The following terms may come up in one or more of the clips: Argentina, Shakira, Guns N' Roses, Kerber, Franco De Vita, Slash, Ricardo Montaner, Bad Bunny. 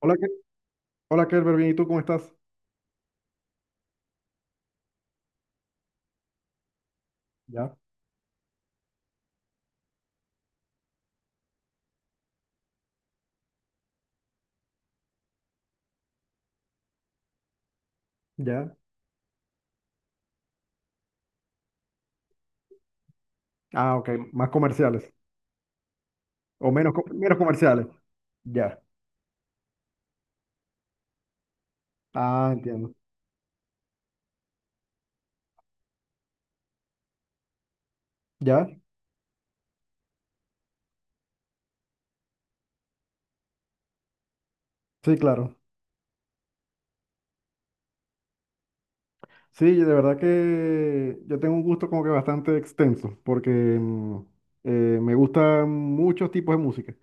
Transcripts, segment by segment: Hola, Kerber, bien, ¿y tú cómo estás? Ya, ya. Ah, ok, más comerciales. O menos, menos comerciales. Ya. Ah, entiendo. Ya. Sí, claro. Sí, de verdad que yo tengo un gusto como que bastante extenso, porque eh, me gustan muchos tipos de música.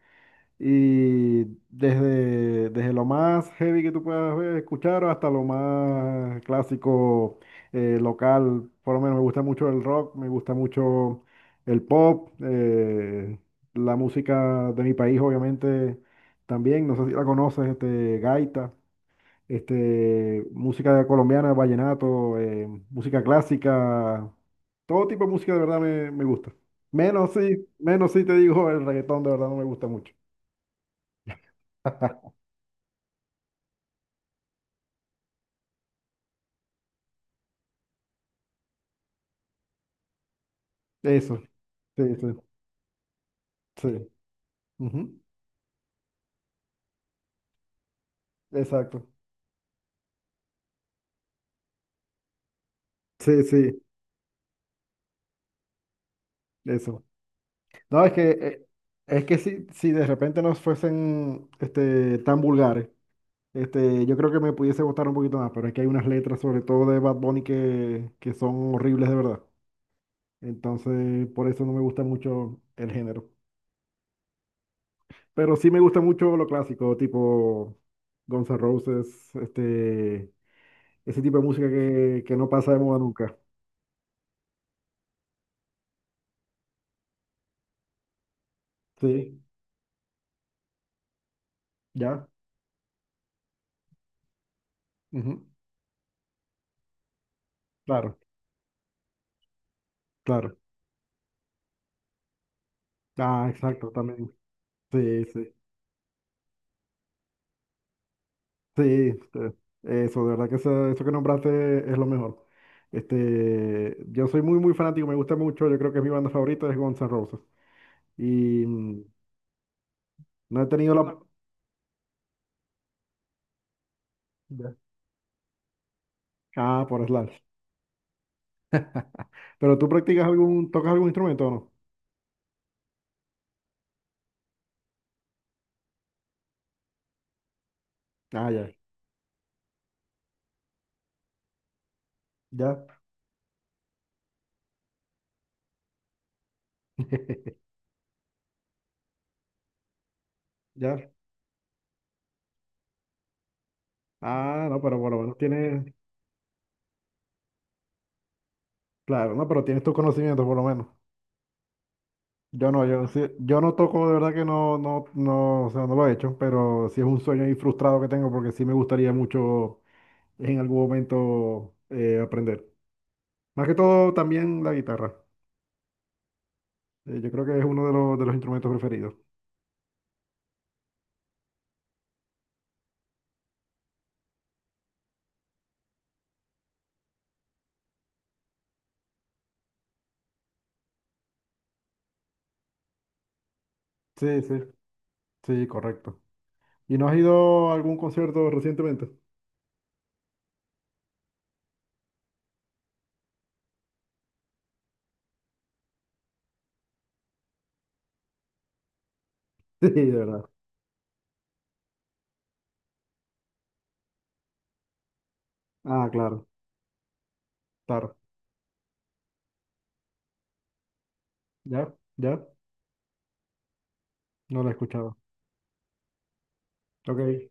Y desde lo más heavy que tú puedas ver, escuchar hasta lo más clásico local, por lo menos me gusta mucho el rock, me gusta mucho el pop, la música de mi país obviamente también, no sé si la conoces, gaita, música colombiana, vallenato, música clásica, todo tipo de música de verdad me gusta. Menos sí te digo, el reggaetón de verdad no me gusta mucho. Eso, sí, sí, sí. Ujú. Exacto. Sí, sí, eso. No, es que si de repente no fuesen tan vulgares, yo creo que me pudiese gustar un poquito más, pero es que hay unas letras, sobre todo de Bad Bunny, que son horribles de verdad. Entonces, por eso no me gusta mucho el género. Pero sí me gusta mucho lo clásico, tipo Guns N' Roses, ese tipo de música que no pasa de moda nunca. Sí, ya. Ujú. Claro. Claro. Ah, exacto, también. Sí, sí. Sí, este, eso, de verdad que eso que nombraste es lo mejor. Yo soy muy, muy fanático, me gusta mucho, yo creo que es mi banda favorita es Guns N' Roses. Y no he tenido la... Ya. Ah, por Slash. ¿Pero tú practicas algún, tocas algún instrumento o no? Ah, ya, ya, ya. Ah, no, pero por lo menos tienes, claro, no, pero tienes tus conocimientos por lo menos. Yo no toco, de verdad que no, no, no, o sea, no lo he hecho, pero sí es un sueño ahí frustrado que tengo porque sí me gustaría mucho en algún momento aprender. Más que todo también la guitarra. Yo creo que es uno de los, instrumentos preferidos. Sí, sí, sí, correcto. ¿Y no has ido a algún concierto recientemente? Sí, de verdad. Ah, claro, claro. Ya, ya, no lo he escuchado. Ok,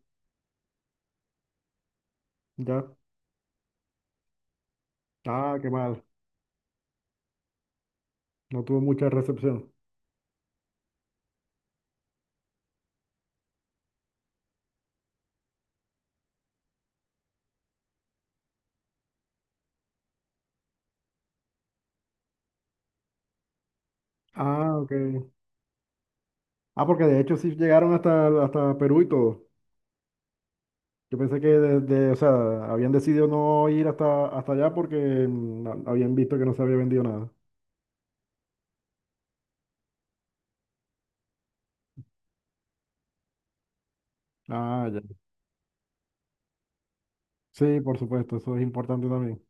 ya. Ah, qué mal. No tuvo mucha recepción. Ah, ok. Ah, porque de hecho sí llegaron hasta, hasta, Perú y todo. Yo pensé que o sea, habían decidido no ir hasta allá porque habían visto que no se había vendido nada. Ah, ya. Sí, por supuesto, eso es importante también.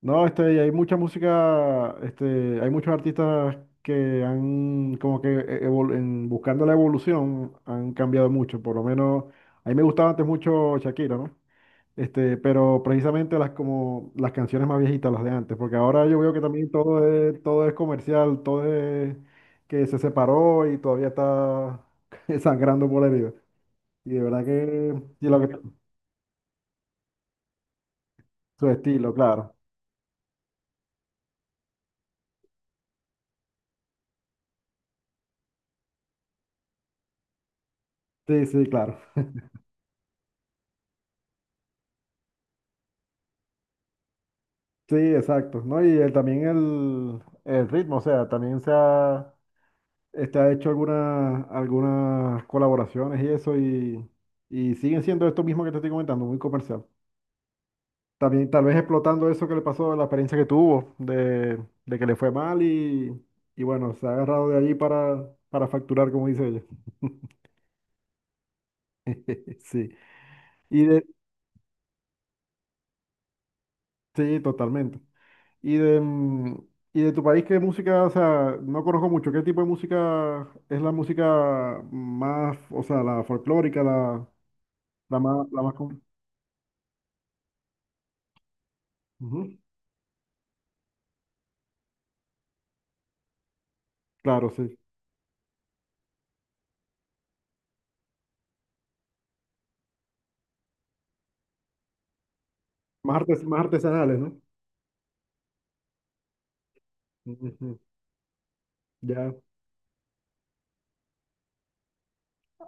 No, y hay mucha música, hay muchos artistas que han, como que buscando la evolución, han cambiado mucho. Por lo menos, a mí me gustaba antes mucho Shakira, ¿no? Pero precisamente las como las canciones más viejitas, las de antes, porque ahora yo veo que también todo es comercial, todo es que se separó y todavía está sangrando por la herida. Y de verdad que su estilo, claro. Sí, sí, claro. Sí, exacto, ¿no? Y también el ritmo, o sea, también se ha hecho algunas colaboraciones y eso, y siguen siendo esto mismo que te estoy comentando, muy comercial. También, tal vez explotando eso que le pasó, la experiencia que tuvo, de que le fue mal y bueno, se ha agarrado de allí para facturar, como dice ella. Sí, y de, sí, totalmente. Y de, mm, y de tu país, ¿qué música? O sea, no conozco mucho. ¿Qué tipo de música es la música más, o sea, la folclórica, la más, la más, Ujú. Claro, sí, más artesanales, ¿no? Ujú. Ya,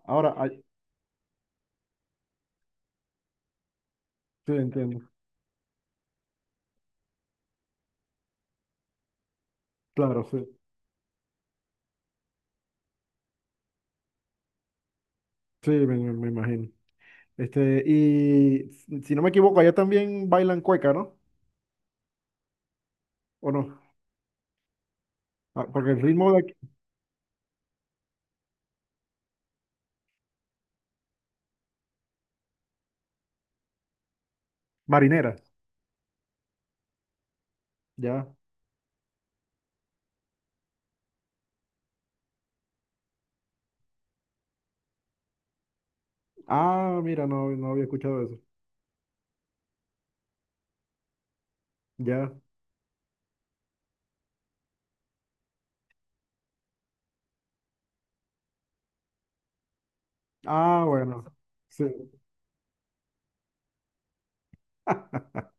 ahora, ay, sí, entiendo, claro, sí, sí, me imagino. Y si no me equivoco, allá también bailan cueca, ¿no? ¿O no? Ah, porque el ritmo de aquí... Marinera, ya. Ah, mira, no, no había escuchado eso. Ya. Ah, bueno. Sí.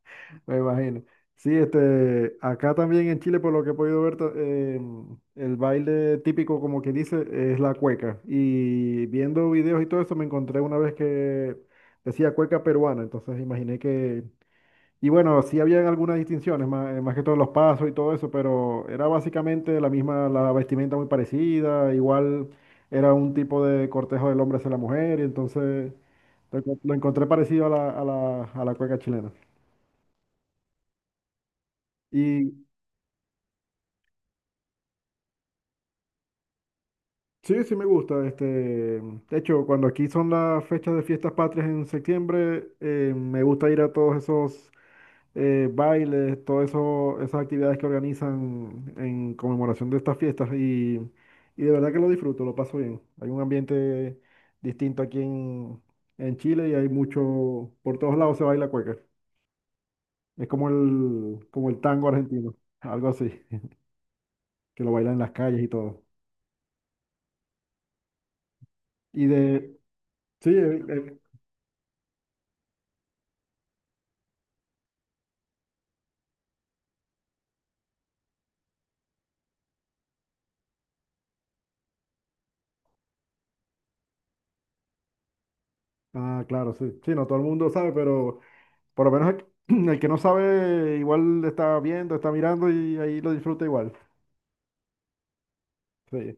Me imagino. Sí, acá también en Chile, por lo que he podido ver, el baile típico, como que dice, es la cueca. Y viendo videos y todo eso, me encontré una vez que decía cueca peruana, entonces imaginé que... Y bueno, sí habían algunas distinciones, más que todos los pasos y todo eso, pero era básicamente la misma, la vestimenta muy parecida, igual era un tipo de cortejo del hombre hacia la mujer, y entonces lo encontré parecido a la cueca chilena. Y sí, sí me gusta, de hecho, cuando aquí son las fechas de fiestas patrias en septiembre, me gusta ir a todos esos bailes, todo eso, esas actividades que organizan en conmemoración de estas fiestas y de verdad que lo disfruto, lo paso bien. Hay un ambiente distinto aquí en Chile y hay mucho, por todos lados se baila cueca. Es como el tango argentino, algo así, que lo bailan en las calles y todo. Y de, sí, ah, claro, sí, sí, no todo el mundo sabe, pero por lo menos el, el que no sabe igual está viendo, está mirando y ahí lo disfruta igual. Sí.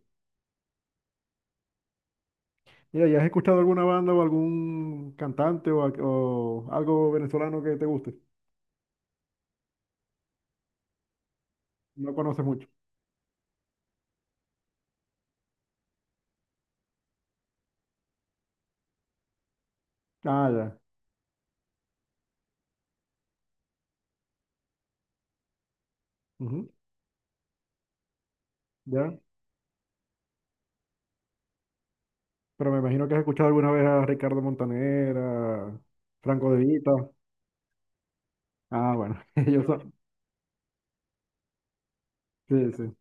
Mira, ¿ya has escuchado alguna banda o algún cantante o algo venezolano que te guste? No conoces mucho. Ah, ya. Ujú. Ya. Pero me imagino que has escuchado alguna vez a Ricardo Montaner, a Franco De Vita. Ah, bueno, ellos son. Sí, sí.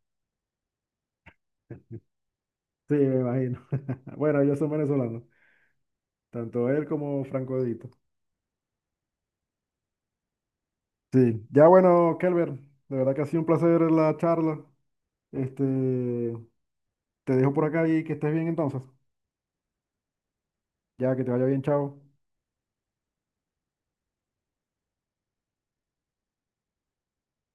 Sí, me imagino. Bueno, ellos son venezolanos. Tanto él como Franco De Vita. Sí. Ya bueno, Kelber, de verdad que ha sido un placer la charla. Este, te dejo por acá y que estés bien entonces. Ya, que te vaya bien, chao.